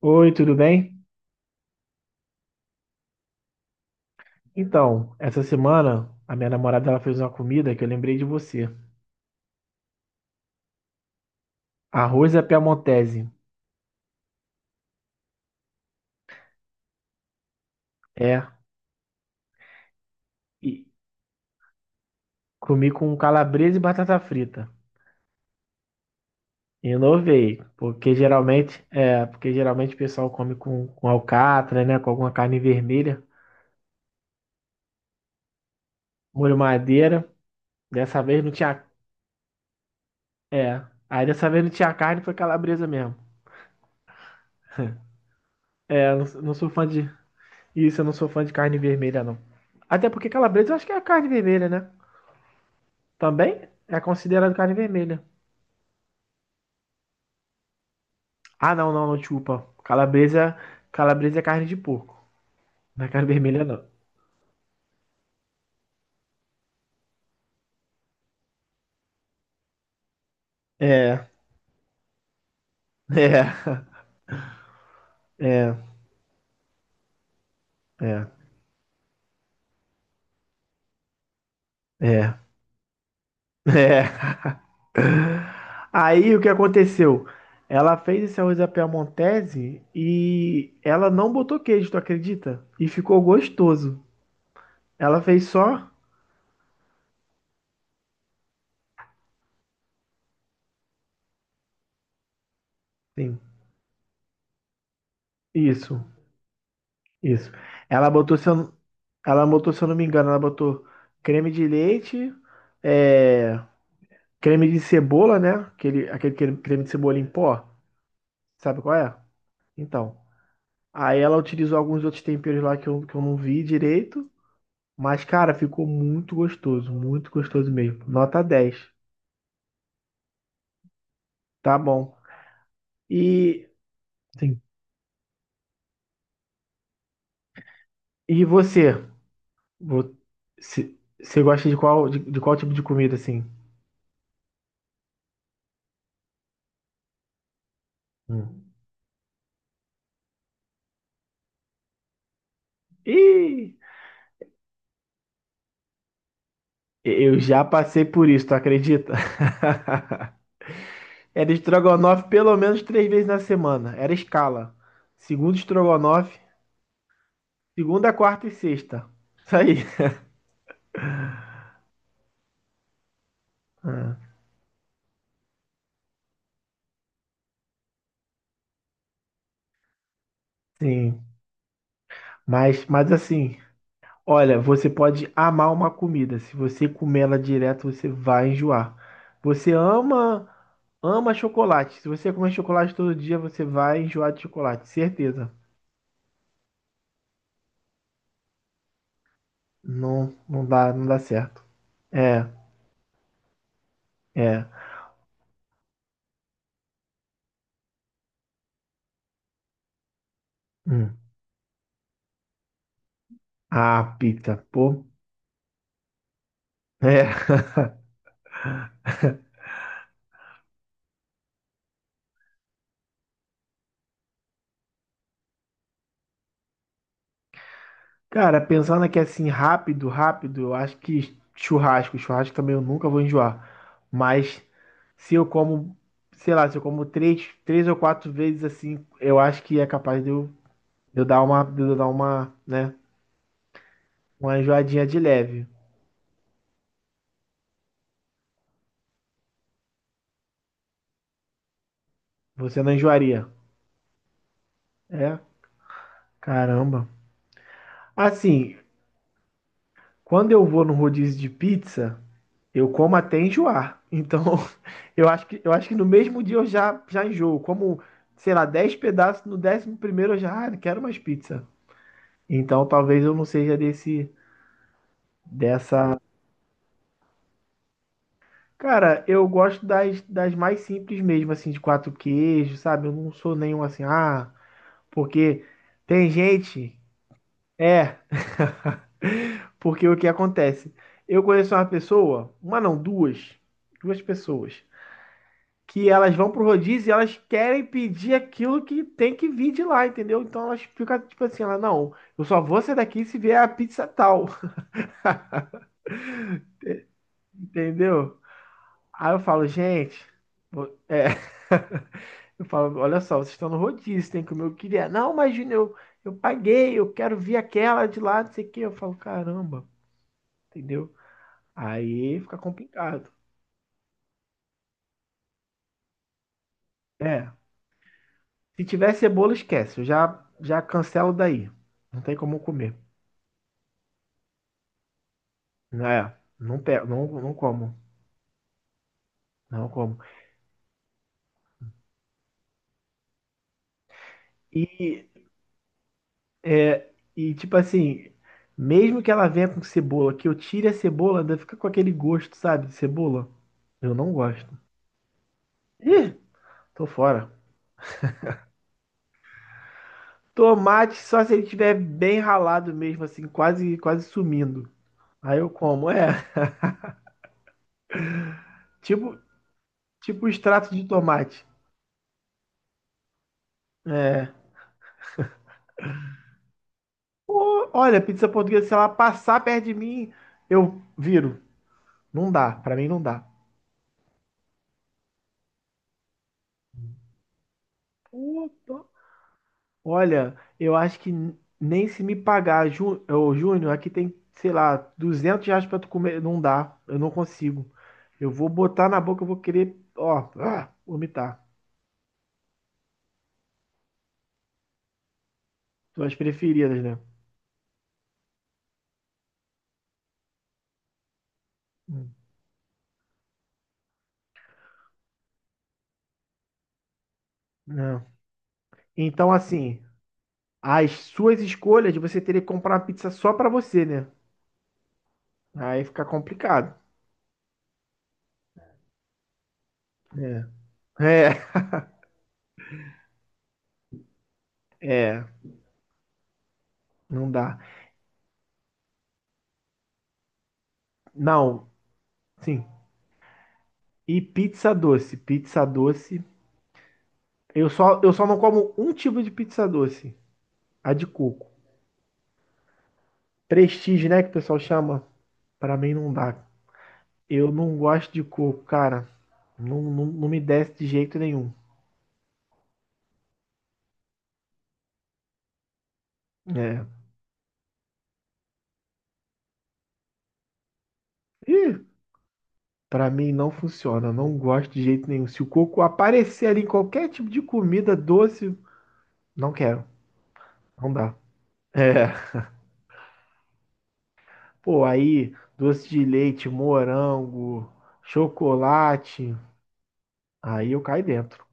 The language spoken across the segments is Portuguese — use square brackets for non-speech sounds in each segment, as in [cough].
Oi, tudo bem? Então, essa semana a minha namorada ela fez uma comida que eu lembrei de você. Arroz à piamontese. É, e comi com calabresa e batata frita. Inovei, porque geralmente, o pessoal come com alcatra, né, com alguma carne vermelha, molho madeira. Dessa vez não tinha, é, aí dessa vez não tinha carne, foi calabresa mesmo. É, eu não sou fã de isso, eu não sou fã de carne vermelha não. Até porque calabresa eu acho que é a carne vermelha, né? Também é considerado carne vermelha. Ah, não, não, não, desculpa. Calabresa é carne de porco. Não é carne [laughs] vermelha, não. É, é, é, é, é, é. Aí o que aconteceu? Ela fez esse arroz à piamontese e ela não botou queijo, tu acredita? E ficou gostoso. Ela fez só. Sim, isso, isso. Ela botou, se eu, não- ela botou, se eu não me engano, ela botou creme de leite, é, creme de cebola, né? Aquele creme de cebola em pó. Sabe qual é? Então. Aí ela utilizou alguns outros temperos lá que eu não vi direito. Mas, cara, ficou muito gostoso. Muito gostoso mesmo. Nota dez. Tá bom. E, Sim. E você? Vo- Você gosta de qual, de qual tipo de comida, assim? Hum. Ih, eu já passei por isso, tu acredita? [laughs] Era estrogonofe pelo menos 3 vezes na semana. Era escala. Segundo estrogonofe, Segunda, quarta e sexta. Isso aí. Sim. Mas assim, olha, você pode amar uma comida. Se você comer ela direto, você vai enjoar. Você ama chocolate. Se você comer chocolate todo dia, você vai enjoar de chocolate, certeza. Não, não dá, não dá certo. É, é. Hum. Ah, pizza, pô. É. Cara, pensando aqui assim, rápido, rápido, eu acho que churrasco. Churrasco também eu nunca vou enjoar. Mas se eu como, sei lá, se eu como três, três ou quatro vezes assim, eu acho que é capaz de eu dar uma, de eu dar uma, né, uma enjoadinha de leve. Você não enjoaria? É? Caramba. Assim, quando eu vou no rodízio de pizza. Eu como até enjoar. Então, [laughs] eu acho que no mesmo dia eu já enjoo. Como, sei lá, 10 pedaços, no 11º eu já quero mais pizza. Então, talvez eu não seja desse, dessa. Cara, eu gosto das mais simples mesmo, assim, de quatro queijos, sabe? Eu não sou nenhum assim, porque tem gente. É, [laughs] porque o que acontece? Eu conheço uma pessoa, uma não, duas pessoas, que elas vão pro rodízio e elas querem pedir aquilo que tem que vir de lá, entendeu? Então elas ficam tipo assim, ela, não, eu só vou sair daqui se vier a pizza tal, [laughs] entendeu? Aí eu falo, gente, vo- é, [laughs] eu falo, olha só, vocês estão no rodízio, tem que comer o que vier. Não, mas Júnior, eu paguei, eu quero vir aquela de lá, não sei o quê. Eu falo, caramba, entendeu? Aí fica complicado. É, se tiver cebola, esquece, eu já cancelo daí. Não tem como comer. É, não, não, não como. Não como. E, é, e tipo assim, mesmo que ela venha com cebola, que eu tire a cebola, ainda fica com aquele gosto, sabe, de cebola. Eu não gosto. Ih, tô fora. Tomate só se ele tiver bem ralado mesmo, assim, quase, quase sumindo. Aí eu como, tipo, tipo um extrato de tomate. É. Olha, pizza portuguesa, se ela passar perto de mim, eu viro. Não dá, pra mim não dá. Pô, olha, eu acho que nem se me pagar, ô, Júnior, aqui tem, sei lá, R$ 200 pra tu comer, não dá, eu não consigo. Eu vou botar na boca, eu vou querer, ó, ah, vomitar. Tuas preferidas, né? Hum. Não. Então, assim, as suas escolhas, você teria que comprar uma pizza só pra você, né? Aí fica complicado. É, [laughs] é, é, não dá. Não, sim. E pizza doce, pizza doce. Eu só não como um tipo de pizza doce, a de coco. Prestígio, né, que o pessoal chama, pra mim não dá. Eu não gosto de coco, cara. Não, não, não me desce de jeito nenhum. É. Ih, pra mim não funciona. Eu não gosto de jeito nenhum. Se o coco aparecer ali em qualquer tipo de comida doce, não quero. Não dá. É. Pô, aí, doce de leite, morango, chocolate. Aí eu caio dentro.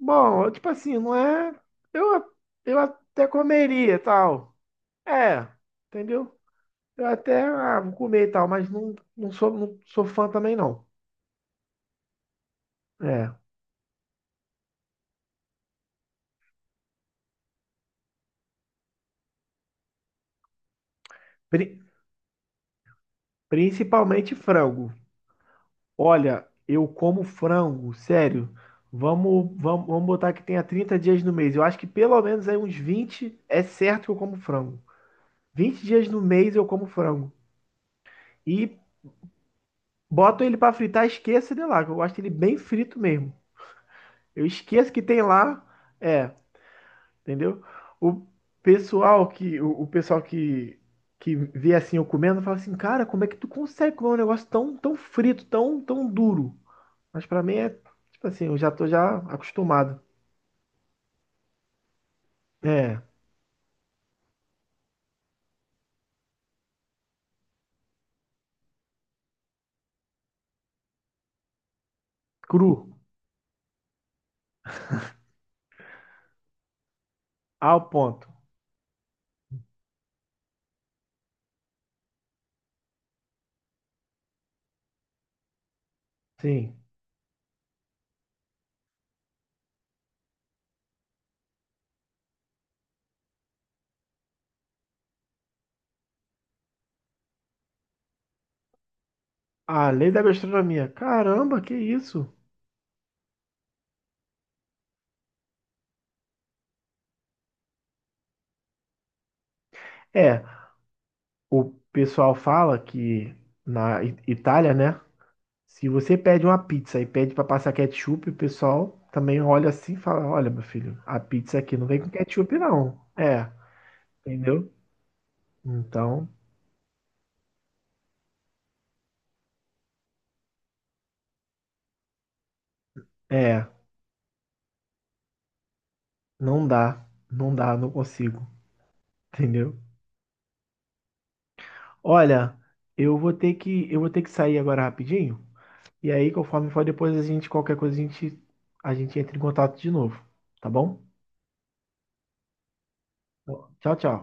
Bom, eu, tipo assim, não é. Eu, eu até comeria e tal. É, entendeu? Eu até, vou comer e tal, mas não, não sou fã também, não. É. Pri- principalmente frango. Olha, eu como frango, sério. Vamos botar que tenha 30 dias no mês. Eu acho que pelo menos aí uns 20 é certo que eu como frango. 20 dias no mês eu como frango. E boto ele pra fritar, esqueça de lá, que eu gosto dele bem frito mesmo. Eu esqueço que tem lá. É, entendeu? O o pessoal que vê assim eu comendo fala assim, cara, como é que tu consegue comer um negócio tão frito, tão duro? Mas pra mim é tipo assim, eu já tô já acostumado. É, cru, ao ponto. Sim. A lei da gastronomia. Caramba, que isso? É, o pessoal fala que na Itália, né? Se você pede uma pizza e pede para passar ketchup, o pessoal também olha assim e fala: Olha, meu filho, a pizza aqui não vem com ketchup, não. É, entendeu? Então, é, não dá, não dá, não consigo, entendeu? Olha, eu vou ter que sair agora rapidinho. E aí, conforme for, depois a gente, qualquer coisa, a gente entra em contato de novo, tá bom? Tchau, tchau.